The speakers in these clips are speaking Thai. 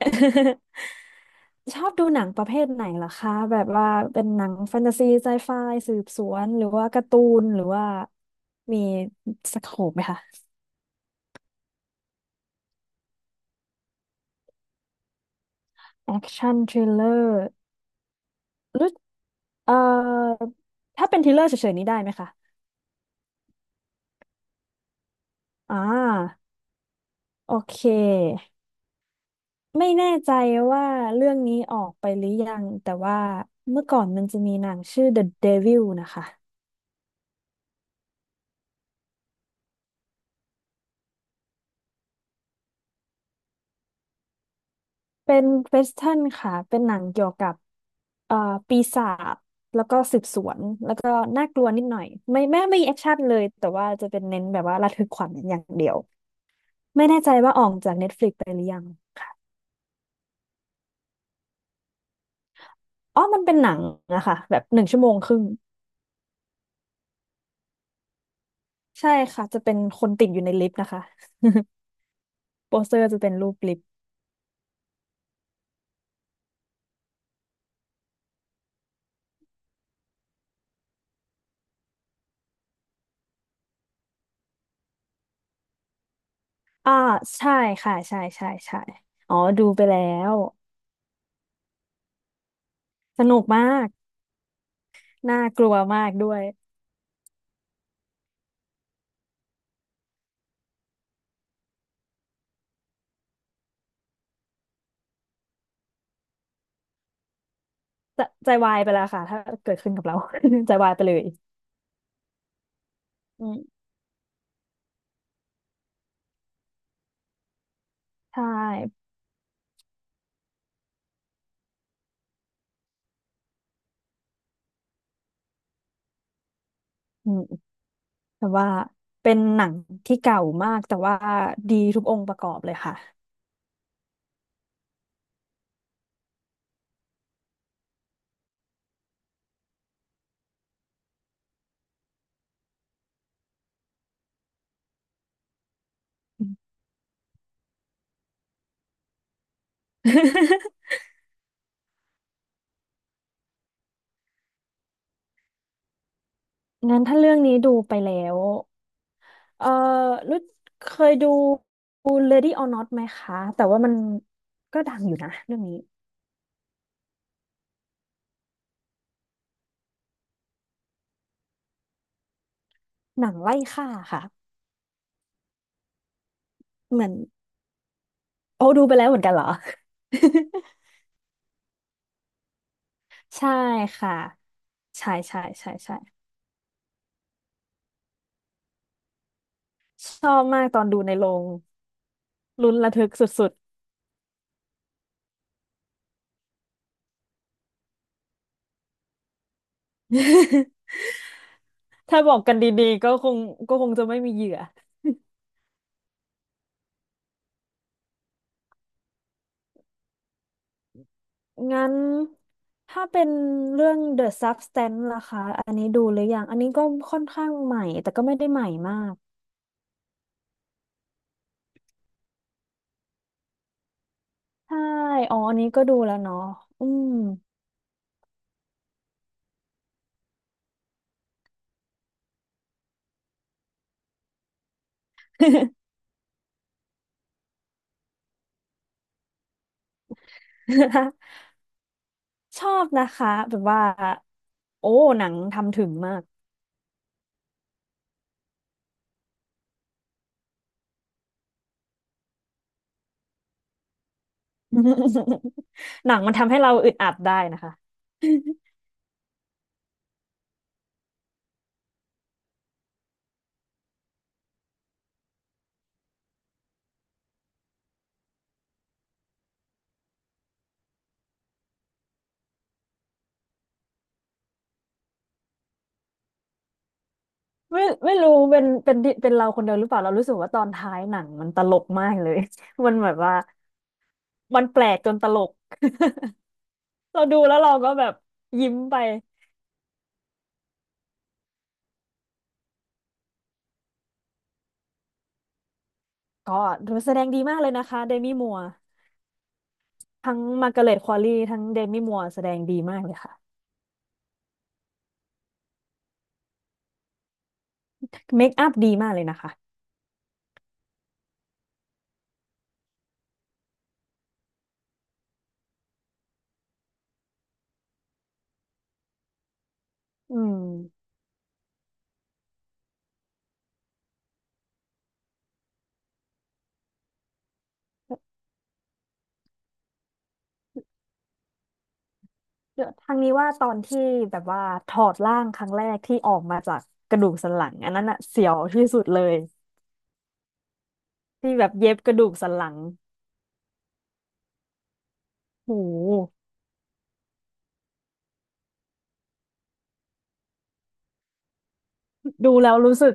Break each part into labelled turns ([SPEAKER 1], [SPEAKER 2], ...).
[SPEAKER 1] ชอบดูหนังประเภทไหนล่ะคะแบบว่าเป็นหนังแฟนตาซีไซไฟสืบสวนหรือว่าการ์ตูนหรือว่ามีสโคปไหมคะแอคชั่นทริลเลอร์หรือเอ่อถ้าเป็นทริลเลอร์เฉยๆนี้ได้ไหมคะอ่าโอเคไม่แน่ใจว่าเรื่องนี้ออกไปหรือยังแต่ว่าเมื่อก่อนมันจะมีหนังชื่อ The Devil นะคะเป็น w e สเท r n นค่ะเป็นหนังเกี่ยวกับเอ่อปีศาจ ก็น่ากลัวนิดหน่อยไม่มีแอคชั่นเลยแต่ว่าจะเป็นเน้นแบบว่าระทึกขวัญอย่างเดียวไม่แน่ใจว่าออกจาก Netflix ไปหรือยังอ๋อมันเป็นหนังนะคะแบบ1 ชั่วโมงครึ่งใช่ค่ะจะเป็นคนติดอยู่ในลิฟต์นะคะโปสเตอร์จะเป็นรูปลิฟต์อ่าใช่ค่ะใช่ใช่ใช่อ๋อดูไปแล้วสนุกมากน่ากลัวมากด้วยจะใจวายไปแล้วค่ะถ้าเกิดขึ้นกับเรา ใจวายไปเลยอืมใช่อืม แต่ว่าเป็นหนังที่เก่ามากแต่ว่าดีทุกองค์ประกอบเลยค่ะ งั้นถ้าเรื่องนี้ดูไปแล้วเออรู้เคยดู Lady or Not ไหมคะ แต่ว่ามันก็ดังอยู่นะเรื่องนี้หนังไล่ฆ่าค่ะเหมือนโอ้ดูไปแล้วเหมือนกันเหรอ ใช่ค่ะ ใช่ใช่ใช่ใช่ชอบมากตอนดูในโรงลุ้นระทึกสุด ถ้าบอกกันดีๆก็คงจะไม่มีเหยื่อ งั้นถ้าเป็นเรื่อง The Substance ล่ะคะอันนี้ดูหรือยังอันนี้ก็ค่อนข้างใหม่แต่ก็ไม่ได้ใหม่มาก ใช่อ๋ออันนี้ก็ดูแล้วเนาะอืม ชอบนะคะแบบว่า โอ้ หนังทำถึงมาก หนังมันทำให้เราอึดอัดได้นะคะ ไม่รู้เป็นเราคนเดียวหรือเปล่าเรารู้สึกว่าตอนท้ายหนังมันตลกมากเลย มันแบบว่ามันแปลกจนตลก เราดูแล้วเราก็แบบยิ้มไปก็ดูแสดงดีมากเลยนะคะเดมี่มัวร์ทั้งมาร์กาเร็ตควอลลี่ทั้งเดมี่มัวร์แสดงดีมากเลยค่ะเมคอัพดีมากเลยนะคะอืมเดี๋ยวทางนี้ว่าตอนที่แบบว่าถอดร่างครั้งแรกที่ออกมาจากกระดูกสันหลังอันนั้นอะเสียวที่สุดเลยที่แบบเย็บกระดูกสันหลังโห ดูแล้วรู้สึก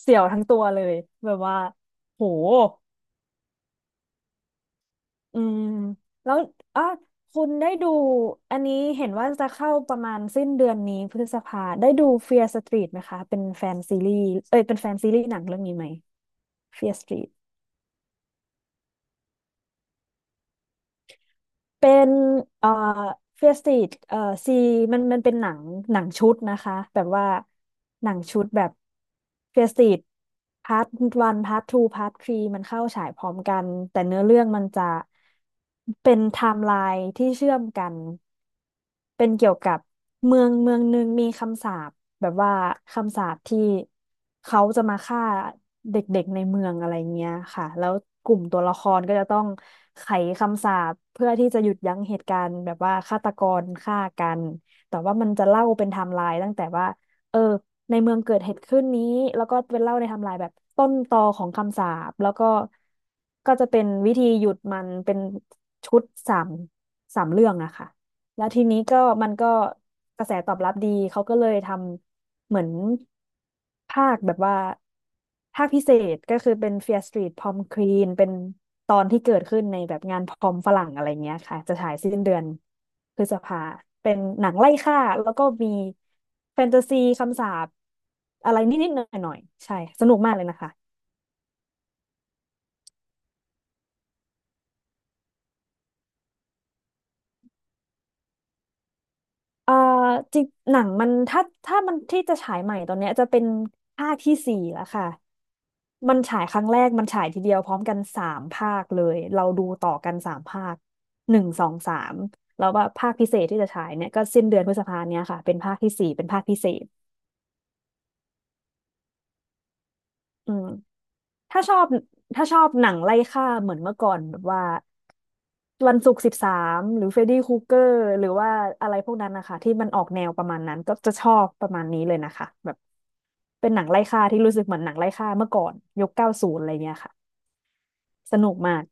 [SPEAKER 1] เสียวทั้งตัวเลยแบบว่าโหอืมแล้วอ่ะคุณได้ดูอันนี้เห็นว่าจะเข้าประมาณสิ้นเดือนนี้พฤษภาได้ดู Fear Street ไหมคะเป็นแฟนซีรีส์เอ้ยเป็นแฟนซีรีส์หนังเรื่องนี้ไหม Fear Street เป็นเอ่อเฟียสติดซีมันเป็นหนังชุดนะคะแบบว่าหนังชุดแบบเฟียสติดพาร์ทวันพาร์ททูพาร์ททรีมันเข้าฉายพร้อมกันแต่เนื้อเรื่องมันจะเป็นไทม์ไลน์ที่เชื่อมกัน เป็นเกี่ยวกับเมืองเมืองหนึ่งมีคำสาปแบบว่าคำสาปที่เขาจะมาฆ่าเด็กๆในเมืองอะไรเงี้ยค่ะแล้วกลุ่มตัวละครก็จะต้องไขคำสาปเพื่อที่จะหยุดยั้งเหตุการณ์แบบว่าฆาตกรฆ่ากันแต่ว่ามันจะเล่าเป็นไทม์ไลน์ตั้งแต่ว่าเออในเมืองเกิดเหตุขึ้นนี้แล้วก็เป็นเล่าในไทม์ไลน์แบบต้นตอของคำสาปแล้วก็จะเป็นวิธีหยุดมันเป็นชุดสามสามเรื่องอะค่ะ แล้วทีนี้ก็มันก็กระแสตอบรับดี เขาก็เลยทำเหมือนภาคแบบว่าภาคพิเศษก็คือเป็น Fear Street Prom Queen เป็นตอนที่เกิดขึ้นในแบบงานพรอมฝรั่งอะไรเงี้ยค่ะจะฉายสิ้นเดือนพฤษภาเป็นหนังไล่ฆ่าแล้วก็มีแฟนตาซีคำสาปอะไรนิดๆหน่อยๆใช่สนุกมากเลยนะคะ เอ่อจริงหนังมันถ้ามันที่จะฉายใหม่ตอนเนี้ยจะเป็นภาคที่สี่แล้วค่ะมันฉายครั้งแรกมันฉายทีเดียวพร้อมกันสามภาคเลยเราดูต่อกันสามภาค1 2 3แล้วว่าภาคพิเศษที่จะฉายเนี่ยก็สิ้นเดือนพฤษภาเนี้ยค่ะเป็นภาคที่สี่เป็นภาคพิเศษอืม ถ้าชอบถ้าชอบหนังไล่ฆ่าเหมือนเมื่อก่อนแบบว่าวันศุกร์13หรือเฟรดดี้ครูเกอร์หรือว่าอะไรพวกนั้นนะคะที่มันออกแนวประมาณนั้นก็จะชอบประมาณนี้เลยนะคะแบบเป็นหนังไล่ฆ่าที่รู้สึกเหมือนหนังไล่ฆ่าเมื่อก่อนยุค90อะไรเงี้ยค่ะสนุกมาก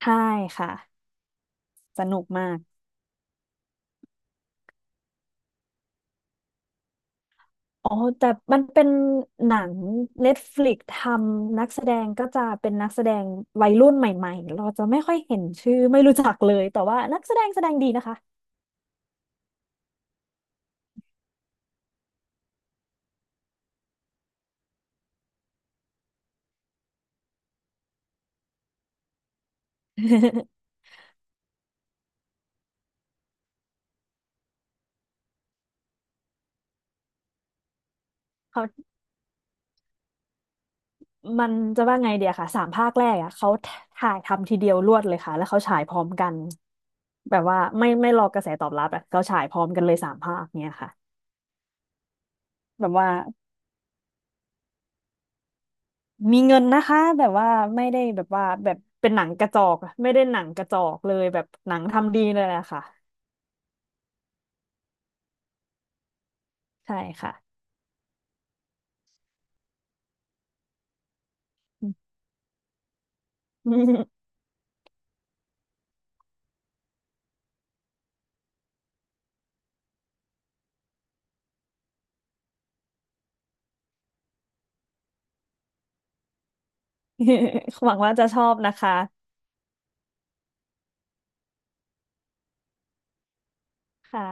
[SPEAKER 1] ใช่ค่ะสนุกมากอ๋อแต่มันเป็นหนัง Netflix ทำนักแสดงก็จะเป็นนักแสดงวัยรุ่นใหม่ๆเราจะไม่ค่อยเห็นชื่อไม่รู้จักเลยแต่ว่านักแสดงแสดงดีนะคะ เขามันจะว่าไงเดียค่ะสามภาคแรกอ่ะเขาถ่ายทำทีเดียวรวดเลยค่ะแล้วเขาฉายพร้อมกันแบบว่าไม่รอกระแสตอบรับอ่ะเขาฉายพร้อมกันเลยสามภาคเนี่ยค่ะแบบว่ามีเงินนะคะแบบว่าไม่ได้แบบว่าแบบเป็นหนังกระจอกอะไม่ได้หนังกระจอกเลยแบบหนังทำดีเลยแหละค่ะใช่ค่ะ หวังว่าจะชอบนะคะค่ะ